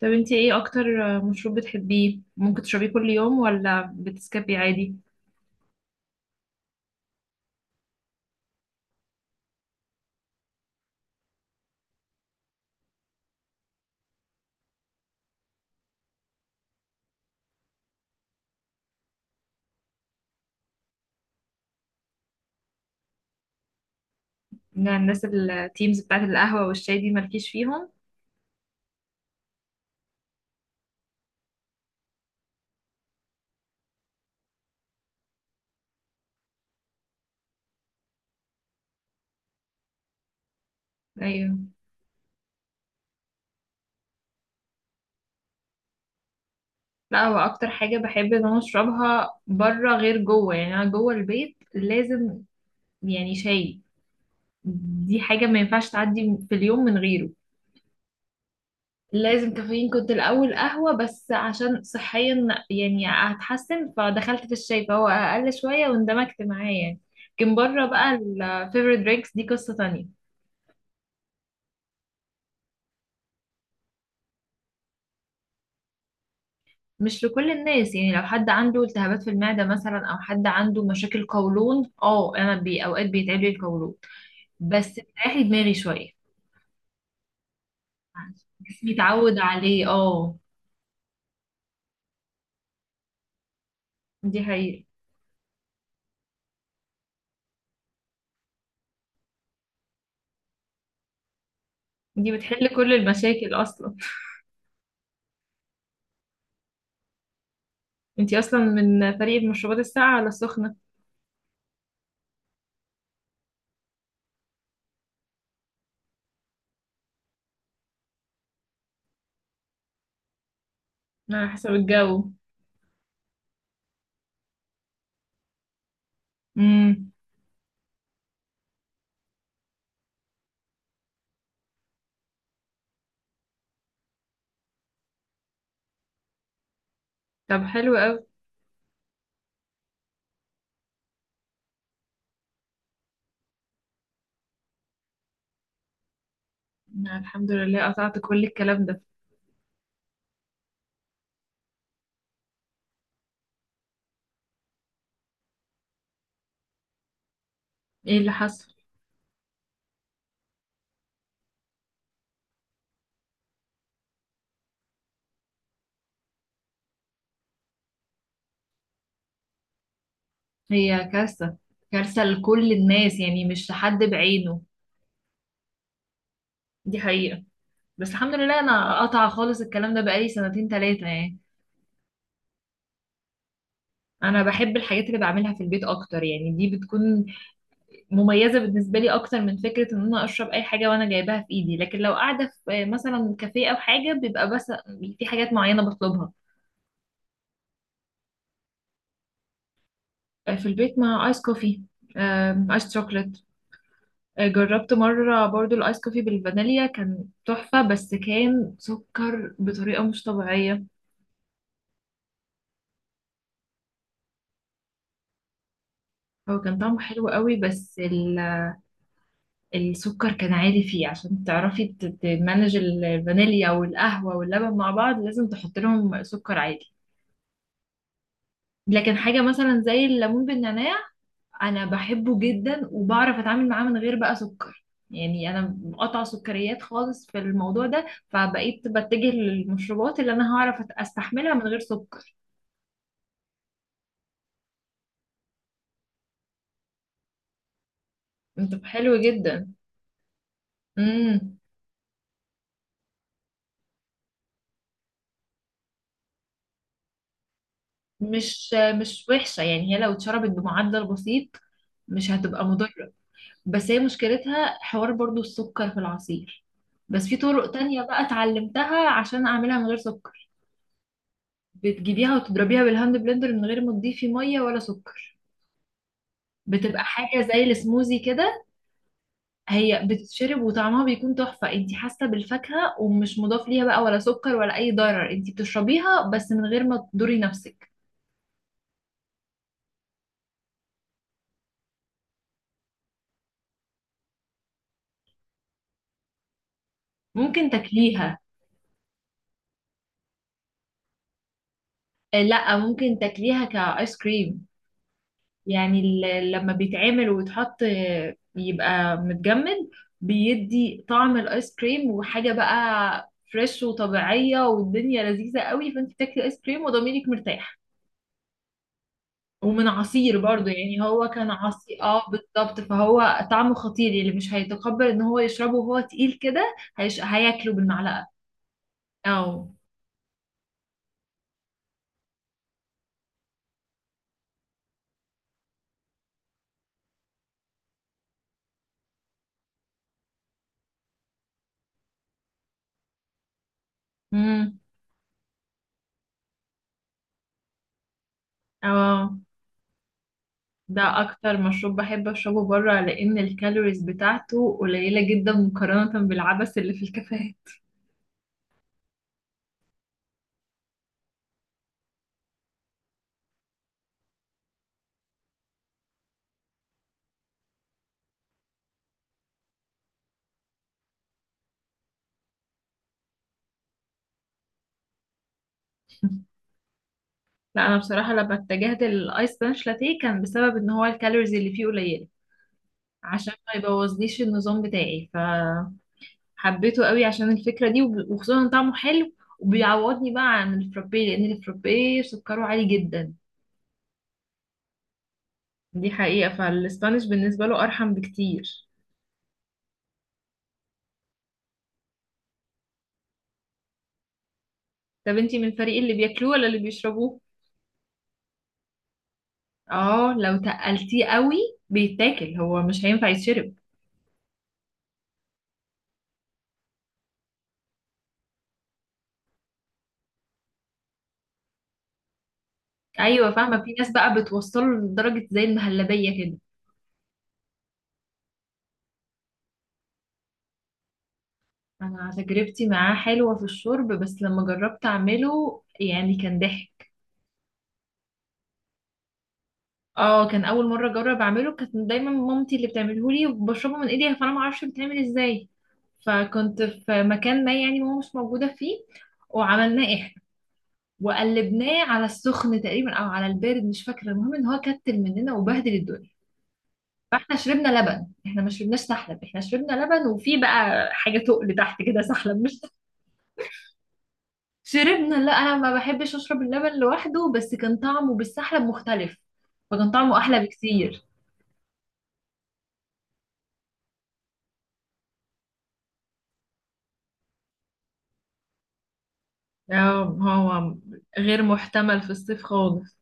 طب، انت ايه اكتر مشروب بتحبيه؟ ممكن تشربيه كل يوم ولا بتسكبي عادي؟ ان الناس التيمز بتاعت القهوة والشاي دي مالكيش فيهم؟ ايوه. لا، هو اكتر حاجة بحب ان انا اشربها بره غير جوه، يعني انا جوه البيت لازم يعني شاي، دي حاجة ما ينفعش تعدي في اليوم من غيره. لازم كافيين كنت الاول قهوة، بس عشان صحيا يعني هتحسن، فدخلت في الشاي فهو اقل شوية واندمجت معاه يعني. لكن بره بقى الفيفوريت درينكس دي قصة تانية. مش لكل الناس يعني، لو حد عنده التهابات في المعدة مثلا او حد عنده مشاكل قولون، انا بي اوقات بيتعب لي القولون بس بتريح لي دماغي شوية. جسمي اتعود عليه، اه. دي حقيقة. دي بتحل كل المشاكل اصلا. انتي اصلا من فريق المشروبات الساقعة ولا السخنة؟ على حسب الجو. امم. طب حلو قوي. أنا الحمد لله قطعت كل الكلام ده. ايه اللي حصل؟ هي كارثة، كارثة لكل الناس يعني، مش لحد بعينه. دي حقيقة. بس الحمد لله انا قطع خالص الكلام ده بقالي سنتين تلاتة يعني. انا بحب الحاجات اللي بعملها في البيت اكتر يعني، دي بتكون مميزة بالنسبة لي اكتر من فكرة ان انا اشرب اي حاجة وانا جايباها في ايدي. لكن لو قاعدة في مثلا كافيه او حاجة بيبقى بس في حاجات معينة بطلبها. في البيت مع ايس كوفي، ايس شوكليت. جربت مرة برضو الايس كوفي بالفانيليا، كان تحفة بس كان سكر بطريقة مش طبيعية. هو كان طعمه حلو قوي، بس السكر كان عالي فيه. عشان تعرفي تمانج الفانيليا والقهوة واللبن مع بعض لازم تحط لهم سكر عادي. لكن حاجة مثلا زي الليمون بالنعناع، أنا بحبه جدا وبعرف أتعامل معاه من غير بقى سكر. يعني أنا مقطعة سكريات خالص في الموضوع ده، فبقيت بتجه للمشروبات اللي أنا هعرف أستحملها من غير سكر. طب حلو جدا. امم. مش مش وحشة يعني، هي لو اتشربت بمعدل بسيط مش هتبقى مضرة. بس هي مشكلتها حوار برضو السكر في العصير. بس في طرق تانية بقى اتعلمتها عشان اعملها من غير سكر. بتجيبيها وتضربيها بالهاند بلندر من غير ما تضيفي مية ولا سكر، بتبقى حاجة زي السموزي كده. هي بتتشرب وطعمها بيكون تحفة، انتي حاسة بالفاكهة ومش مضاف ليها بقى ولا سكر ولا اي ضرر، انتي بتشربيها بس من غير ما تضري نفسك. ممكن تاكليها. لا، ممكن تاكليها كايس كريم. يعني لما بيتعمل ويتحط يبقى متجمد، بيدي طعم الايس كريم وحاجة بقى فريش وطبيعية والدنيا لذيذة قوي، فانت بتاكلي ايس كريم وضميرك مرتاح. ومن عصير برضو يعني، هو كان عصير بالظبط، فهو طعمه خطير. اللي مش هيتقبل ان هو يشربه وهو تقيل كده هياكله بالمعلقة او. امم. اه، ده اكتر مشروب بحب اشربه بره، لان الكالوريز بتاعته قليله جدا مقارنه بالعبث اللي في الكافيهات. لا، انا بصراحه لما اتجهت للايس بانش لاتيه كان بسبب ان هو الكالوريز اللي فيه قليله، عشان ما يبوظليش النظام بتاعي. فحبيته قوي عشان الفكره دي، وخصوصا إن طعمه حلو، وبيعوضني بقى عن الفرابيه لان الفرابيه سكره عالي جدا. دي حقيقه، فالاسبانيش بالنسبه له ارحم بكتير. طب انتي من الفريق اللي بياكلوه ولا اللي بيشربوه؟ اه، لو تقلتيه قوي بيتاكل، هو مش هينفع يتشرب. ايوه، فاهمه. في ناس بقى بتوصله لدرجه زي المهلبيه كده. انا تجربتي معاه حلوه في الشرب، بس لما جربت اعمله يعني كان ضحك. اه، كان اول مره اجرب اعمله. كانت دايما مامتي اللي بتعمله لي وبشربه من ايديها، فانا ما اعرفش بيتعمل ازاي. فكنت في مكان ما يعني ماما مش موجوده فيه، وعملناه احنا، وقلبناه على السخن تقريبا او على البارد مش فاكره. المهم ان هو كتل مننا وبهدل الدنيا. فاحنا شربنا لبن، احنا ما شربناش سحلب، احنا شربنا لبن وفي بقى حاجه تقل تحت كده سحلب مش شربنا. لا، انا ما بحبش اشرب اللبن لوحده، بس كان طعمه بالسحلب مختلف، فكان طعمه احلى بكتير. اه، هو غير محتمل في الصيف خالص.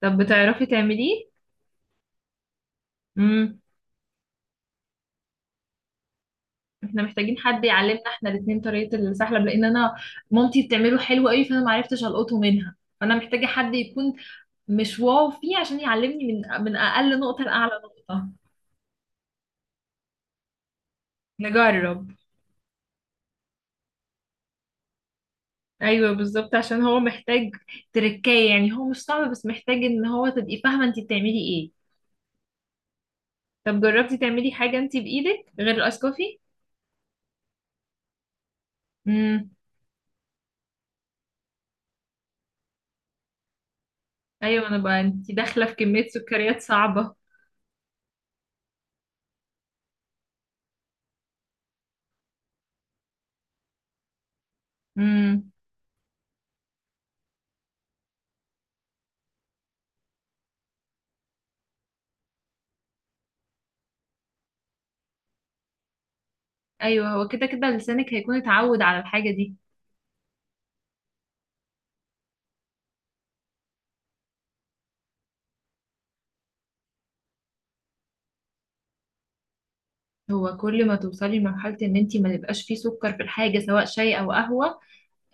طب بتعرفي تعمليه؟ امم. احنا محتاجين حد يعلمنا احنا الاتنين طريقه السحلب، لان انا مامتي بتعمله حلو قوي، فانا ما عرفتش القطه منها، فانا محتاجه حد يكون مش واو فيه عشان يعلمني من اقل نقطه لاعلى نقطه. نجرب. ايوه بالظبط، عشان هو محتاج تركاية يعني، هو مش صعب بس محتاج ان هو تبقي فاهمة انت بتعملي ايه. طب جربتي تعملي حاجة انت بايدك غير الاسكوفي؟ امم. ايوه، انا بقى انت داخلة في كمية سكريات صعبة. امم. ايوه، هو كده كده لسانك هيكون اتعود على الحاجة دي. هو كل ما توصلي لمرحلة ان انت ما يبقاش فيه سكر في الحاجة سواء شاي او قهوة،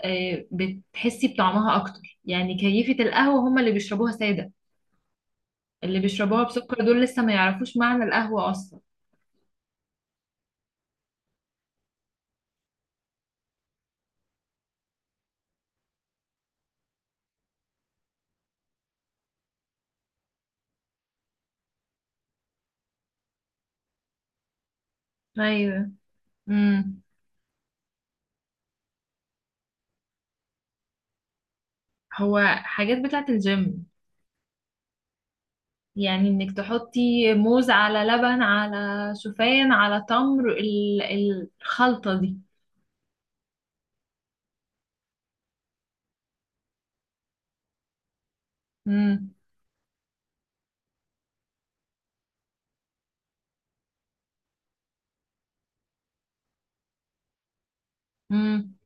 بتحسي بطعمها اكتر. يعني كيفة القهوة هم اللي بيشربوها سادة، اللي بيشربوها بسكر دول لسه ما يعرفوش معنى القهوة اصلا. ايوه. امم. هو حاجات بتاعت الجيم، يعني انك تحطي موز على لبن على شوفان على تمر، الخلطة دي. امم. امم.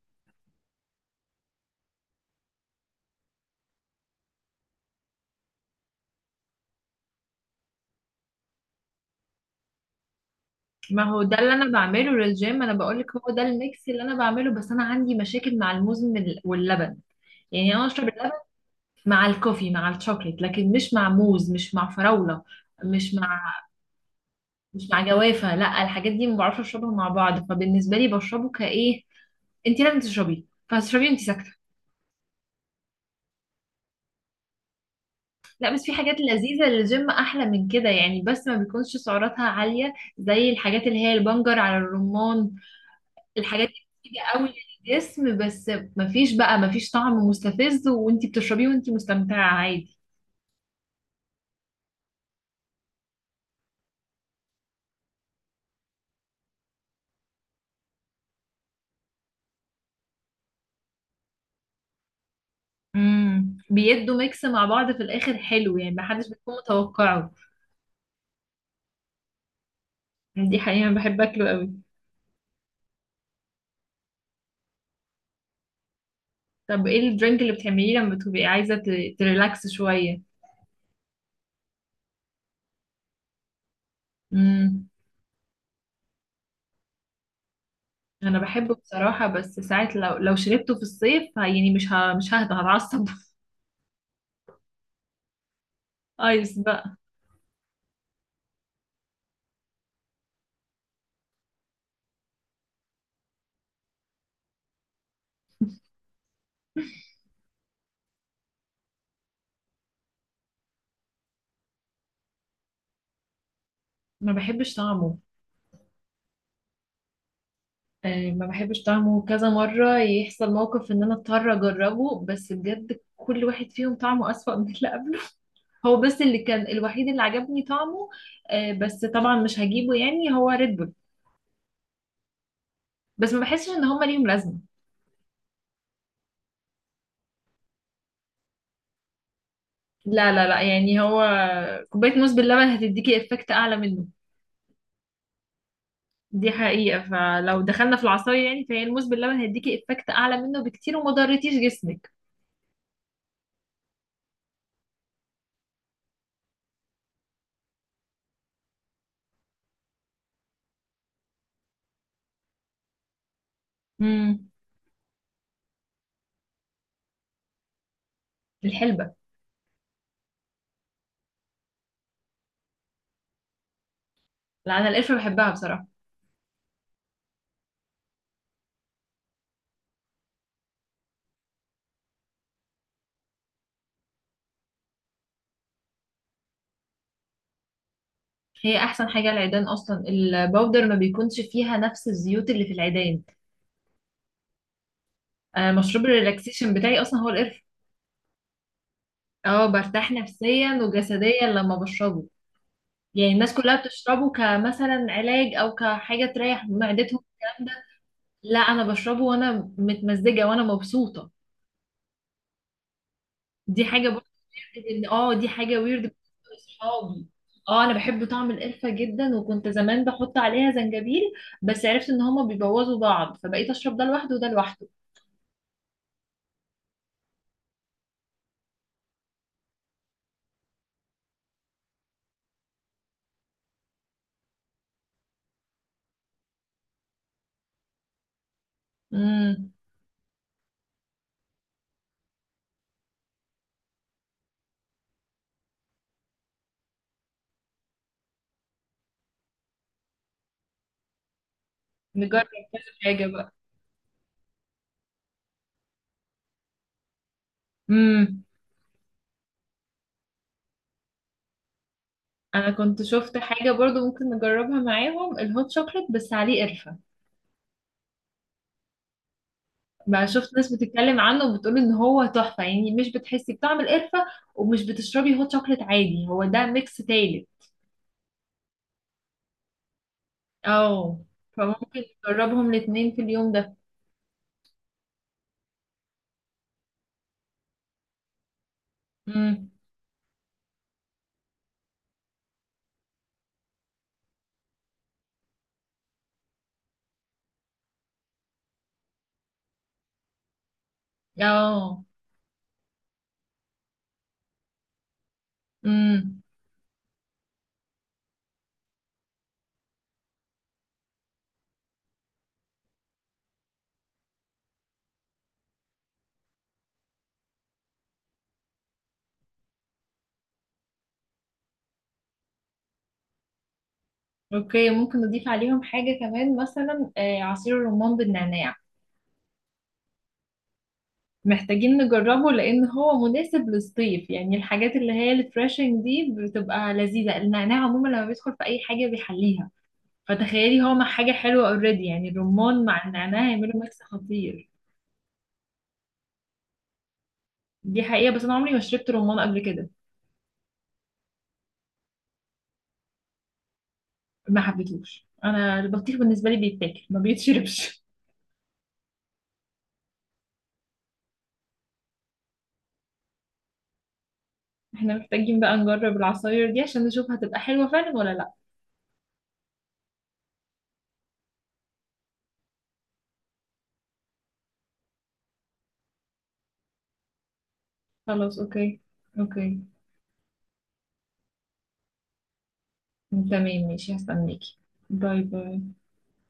ما هو ده اللي انا بعمله للجيم، انا بقولك هو ده الميكس اللي انا بعمله، بس انا عندي مشاكل مع الموز من واللبن. يعني انا اشرب اللبن مع الكوفي مع الشوكليت، لكن مش مع موز، مش مع فراولة، مش مع مش مع جوافة. لا، الحاجات دي ما بعرفش اشربها مع بعض، فبالنسبة لي بشربه كايه، انت لازم تشربيه، فهتشربيه وانت ساكتة. لا، بس في حاجات لذيذة للجيم احلى من كده يعني، بس ما بيكونش سعراتها عالية زي الحاجات اللي هي البنجر على الرمان. الحاجات دي بتيجي قوي للجسم، بس ما فيش طعم مستفز، وانت بتشربيه وانت مستمتعة عادي. امم. بيدوا ميكس مع بعض في الاخر حلو يعني، ما حدش بيكون متوقعه. دي حقيقة، أنا بحب اكله قوي. طب ايه الدرينك اللي بتعمليه لما بتبقي عايزة تريلاكس شوية؟ امم. انا بحبه بصراحة، بس ساعات لو شربته في الصيف يعني مش ههدى، هتعصب. ايس بقى. ما بحبش طعمه. آه، ما بحبش طعمه. كذا مرة يحصل موقف ان انا اضطر اجربه، بس بجد كل واحد فيهم طعمه اسوأ من اللي قبله. هو بس اللي كان الوحيد اللي عجبني طعمه. آه، بس طبعا مش هجيبه، يعني هو ريد بول. بس ما بحسش ان هما ليهم لازمة. لا، لا، لا، يعني هو كوباية موز باللبن هتديكي افكت اعلى منه. دي حقيقة، فلو دخلنا في العصاير يعني فهي الموز باللبن هيديكي افكت اعلى منه بكتير، وما ضرتيش جسمك. امم. الحلبة. لا، انا القرفة بحبها بصراحة. هي احسن حاجة العيدان، اصلا الباودر ما بيكونش فيها نفس الزيوت اللي في العيدان. انا مشروب الريلاكسيشن بتاعي اصلا هو القرفة. اه، برتاح نفسيا وجسديا لما بشربه. يعني الناس كلها بتشربه كمثلا علاج او كحاجة تريح معدتهم. لا، انا بشربه وانا متمزجه وانا مبسوطه، دي حاجه برضه. ان دي حاجه ويرد بالنسبة لاصحابي. اه، انا بحب طعم القرفه جدا، وكنت زمان بحط عليها زنجبيل، بس عرفت ان هما بيبوظوا بعض، فبقيت اشرب ده لوحده وده لوحده. امم. نجرب كذا حاجه بقى. امم. انا كنت شفت حاجه برضو ممكن نجربها معاهم، الهوت شوكليت بس عليه قرفه بقى. شفت ناس بتتكلم عنه وبتقول ان هو تحفه، يعني مش بتحسي بطعم القرفه، ومش بتشربي هوت شوكليت عادي، هو ده ميكس تالت. اه، فممكن نجربهم الاتنين في اليوم ده. امم. اه. امم. اوكي، ممكن نضيف عليهم حاجة كمان مثلا عصير الرمان بالنعناع. محتاجين نجربه لان هو مناسب للصيف، يعني الحاجات اللي هي الفريشنج دي بتبقى لذيذة. النعناع عموما لما بيدخل في اي حاجة بيحليها، فتخيلي هو مع حاجة حلوة اوريدي. يعني الرمان مع النعناع هيعملوا ميكس خطير. دي حقيقة، بس انا عمري ما شربت رمان قبل كده. ما حبيتهوش، انا البطيخ بالنسبة لي بيتاكل ما بيتشربش. احنا محتاجين بقى نجرب العصاير دي عشان نشوف هتبقى حلوة فعلا ولا لا. خلاص، اوكي. اوكي، تمام، ماشي، هستناكي. باي باي.